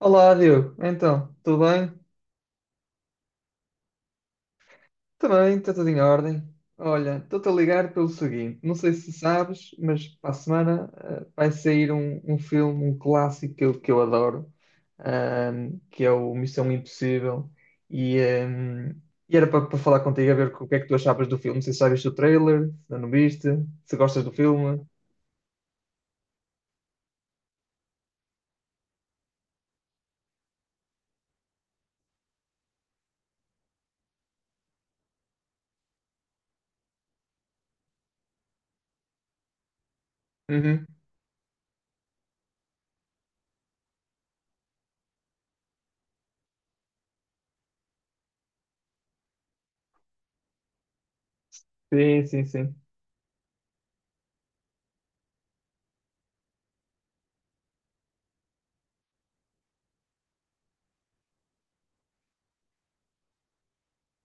Olá, Diogo. Então, tudo bem? Também, está tudo em ordem. Olha, estou-te a ligar pelo seguinte: não sei se sabes, mas para a semana vai sair um filme, um clássico que eu adoro, que é o Missão Impossível. E, ahm, e era para falar contigo, a ver o que é que tu achavas do filme. Não sei se já viste o trailer, se ainda não viste, se gostas do filme. Uhum. Sim, sim, sim.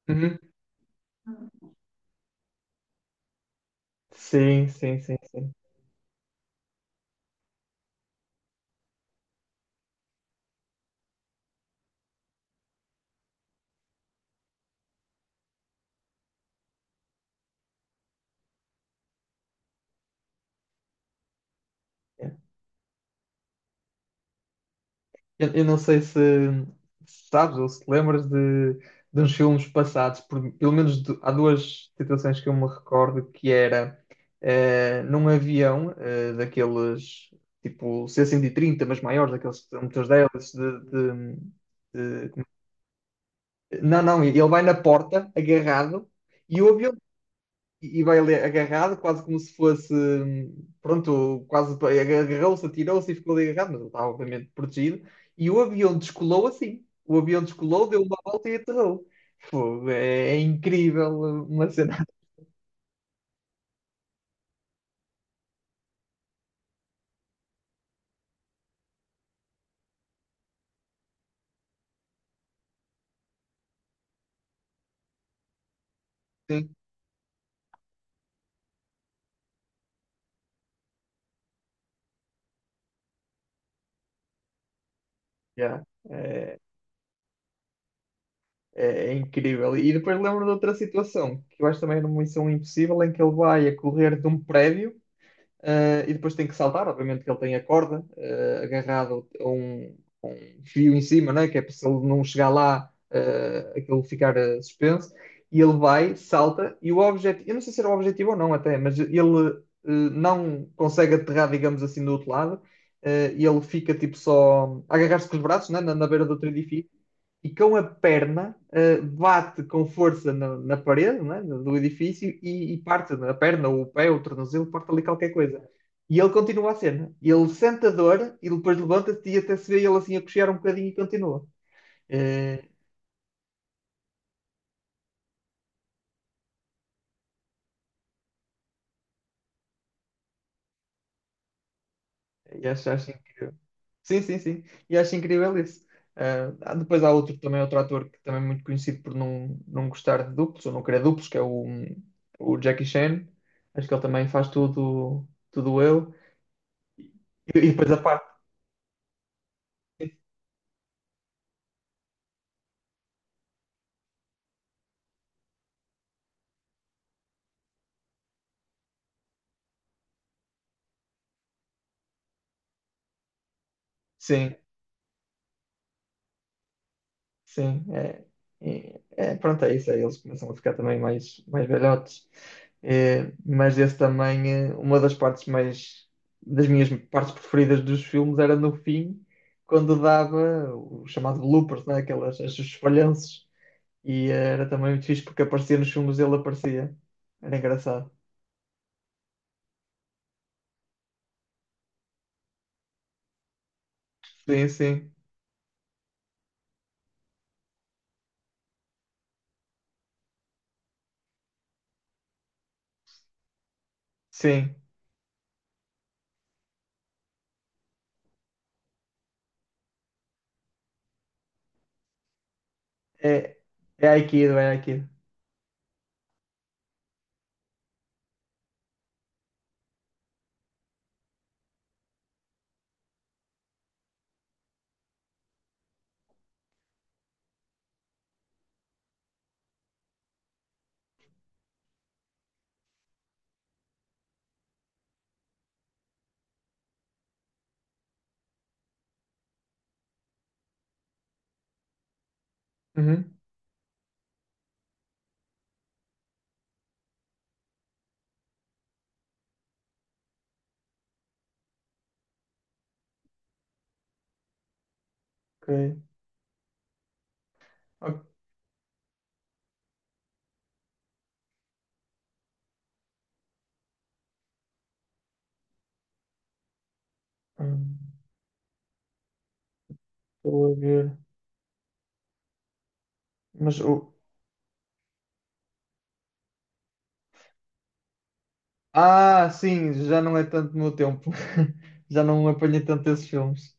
Uhum. Sim, sim, sim, sim. Eu não sei se, se sabes ou se te lembras de uns filmes passados, pelo menos há duas situações que eu me recordo, que era num avião daqueles tipo C-130, mas maiores, daqueles motores deles de- não, não, ele vai na porta agarrado e o avião e vai ali agarrado, quase como se fosse, pronto, agarrou-se, atirou-se e ficou ali agarrado, mas ele estava obviamente protegido. E o avião descolou assim. O avião descolou, deu uma volta e aterrou. Fogo, é, é incrível uma cena assim. Yeah, é, é incrível. E depois lembro de outra situação, que eu acho também numa missão impossível, em que ele vai a correr de um prédio. E depois tem que saltar, obviamente que ele tem a corda agarrado a um fio em cima, né? Que é para se ele não chegar lá, aquilo ficar suspenso, e ele vai, salta, e o objetivo, eu não sei se era o objetivo ou não até, mas ele não consegue aterrar, digamos assim, do outro lado, e ele fica tipo só a agarrar-se com os braços né? Na, na beira do outro edifício, e com a perna bate com força na, na parede, né, do edifício e parte a perna, ou o pé, ou o tornozelo, parte ali qualquer coisa. E ele continua a cena. Ele sente a dor e depois levanta-se e até se vê ele assim a coxear um bocadinho e continua. Eh, e acho, acho incrível. Sim, sim, sim. E acho incrível isso. Ah, depois há outro também, outro ator que também é muito conhecido por não, não gostar de duplos ou não querer duplos, que é o Jackie Chan. Acho que ele também faz tudo, tudo eu. E depois a parte. Sim, sim. É, é, pronto, é isso. Aí eles começam a ficar também mais, mais velhotes. É, mas esse também, é, uma das partes mais, das minhas partes preferidas dos filmes era no fim, quando dava o chamado bloopers, né? Aquelas, esses falhanços. E era também muito fixe porque aparecia nos filmes, ele aparecia. Era engraçado. Sim, sim, sim. É, é Aikido, é Aikido. Uhum. Ok. Ok. Hum. Estou a ver. Mas o, ah, sim, já não é tanto no meu tempo. Já não apanhei tanto esses filmes.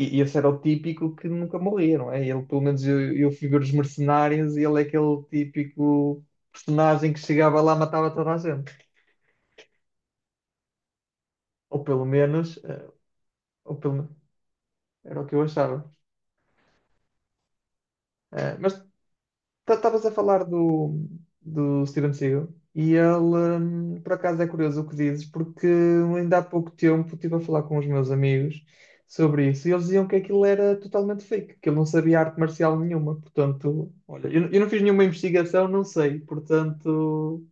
E esse era o típico que nunca morria, não é? Ele, pelo menos eu figuro os mercenários e ele é aquele típico personagem que chegava lá e matava toda a gente. Ou pelo menos, ou pelo... era o que eu achava. Mas então, estavas a falar do, do Steven Seagal e ele, por acaso, é curioso o que dizes, porque ainda há pouco tempo estive a falar com os meus amigos sobre isso e eles diziam que aquilo era totalmente fake, que ele não sabia arte marcial nenhuma. Portanto, olha, eu não fiz nenhuma investigação, não sei. Portanto,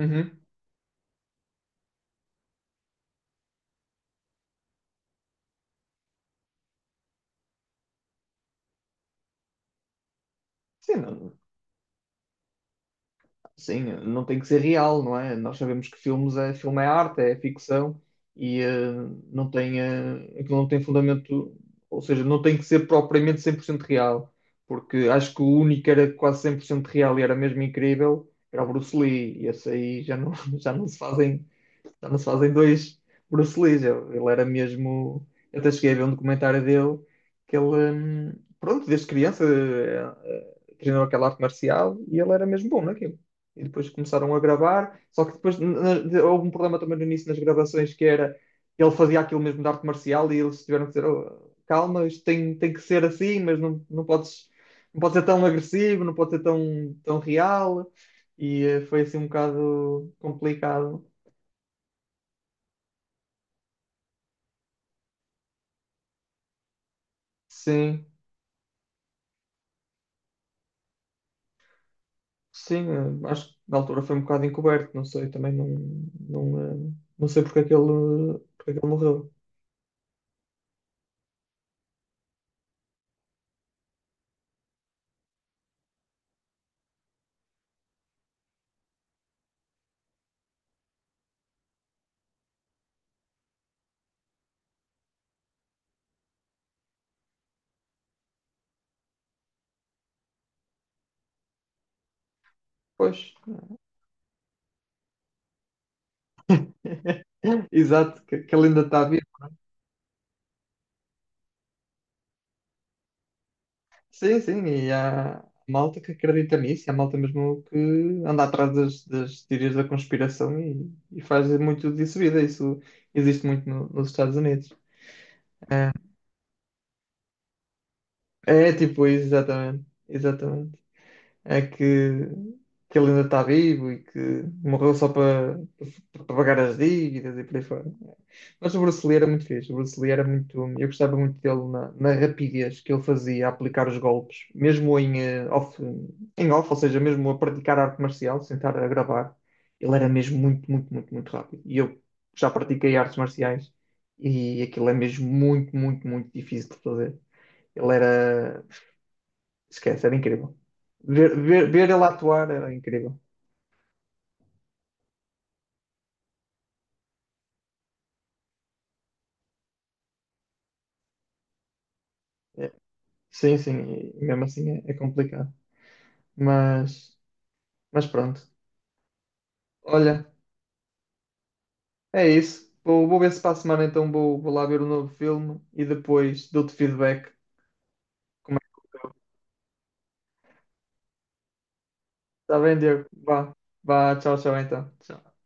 uhum. Sim, não, sim, não tem que ser real, não é? Nós sabemos que filmes é, filme é arte, é ficção e não tem, aquilo não tem fundamento, ou seja, não tem que ser propriamente 100% real, porque acho que o único que era quase 100% real e era mesmo incrível era o Bruce Lee, e esse aí já não, já não se fazem, já não se fazem dois Bruce Lees. Ele era mesmo. Eu até cheguei a ver um documentário dele que ele, pronto, desde criança treinou aquela arte marcial e ele era mesmo bom naquilo. E depois começaram a gravar, só que depois houve um problema também no início nas gravações que era ele fazia aquilo mesmo de arte marcial e eles tiveram que dizer: "Oh, calma, isto tem, tem que ser assim, mas não, não podes, não pode ser tão agressivo, não pode ser tão, tão real. E foi assim um bocado complicado. Sim, sim, acho que na altura foi um bocado encoberto, não sei, também não, não, não sei porque é que ele, porque é que ele morreu. Pois, exato, que ele ainda está vivo. Sim, sim, e há malta que acredita nisso, e há malta mesmo que anda atrás das, das teorias da conspiração e faz muito disso vida, isso existe muito nos Estados Unidos. É, tipo, exatamente, exatamente. É que ele ainda está vivo e que morreu só para, para pagar as dívidas e por aí fora. Mas o Bruce Lee era muito fixe, o Bruce Lee era muito. Eu gostava muito dele na, na rapidez que ele fazia a aplicar os golpes, mesmo em, off, em off, ou seja, mesmo a praticar arte marcial, sem estar a gravar. Ele era mesmo muito, muito, muito, muito rápido. E eu já pratiquei artes marciais e aquilo é mesmo muito, muito, muito difícil de fazer. Ele era. Esquece, era incrível. Ver, ver, ver ele atuar era incrível. É. Sim, sim, e mesmo assim é, é complicado. Mas, mas pronto. Olha, é isso. Vou, vou ver se para a semana então vou, vou lá ver o novo filme e depois dou-te feedback. Como é que correu. Está bem, Diego? Vá, vá, tchau, tchau então. Tchau.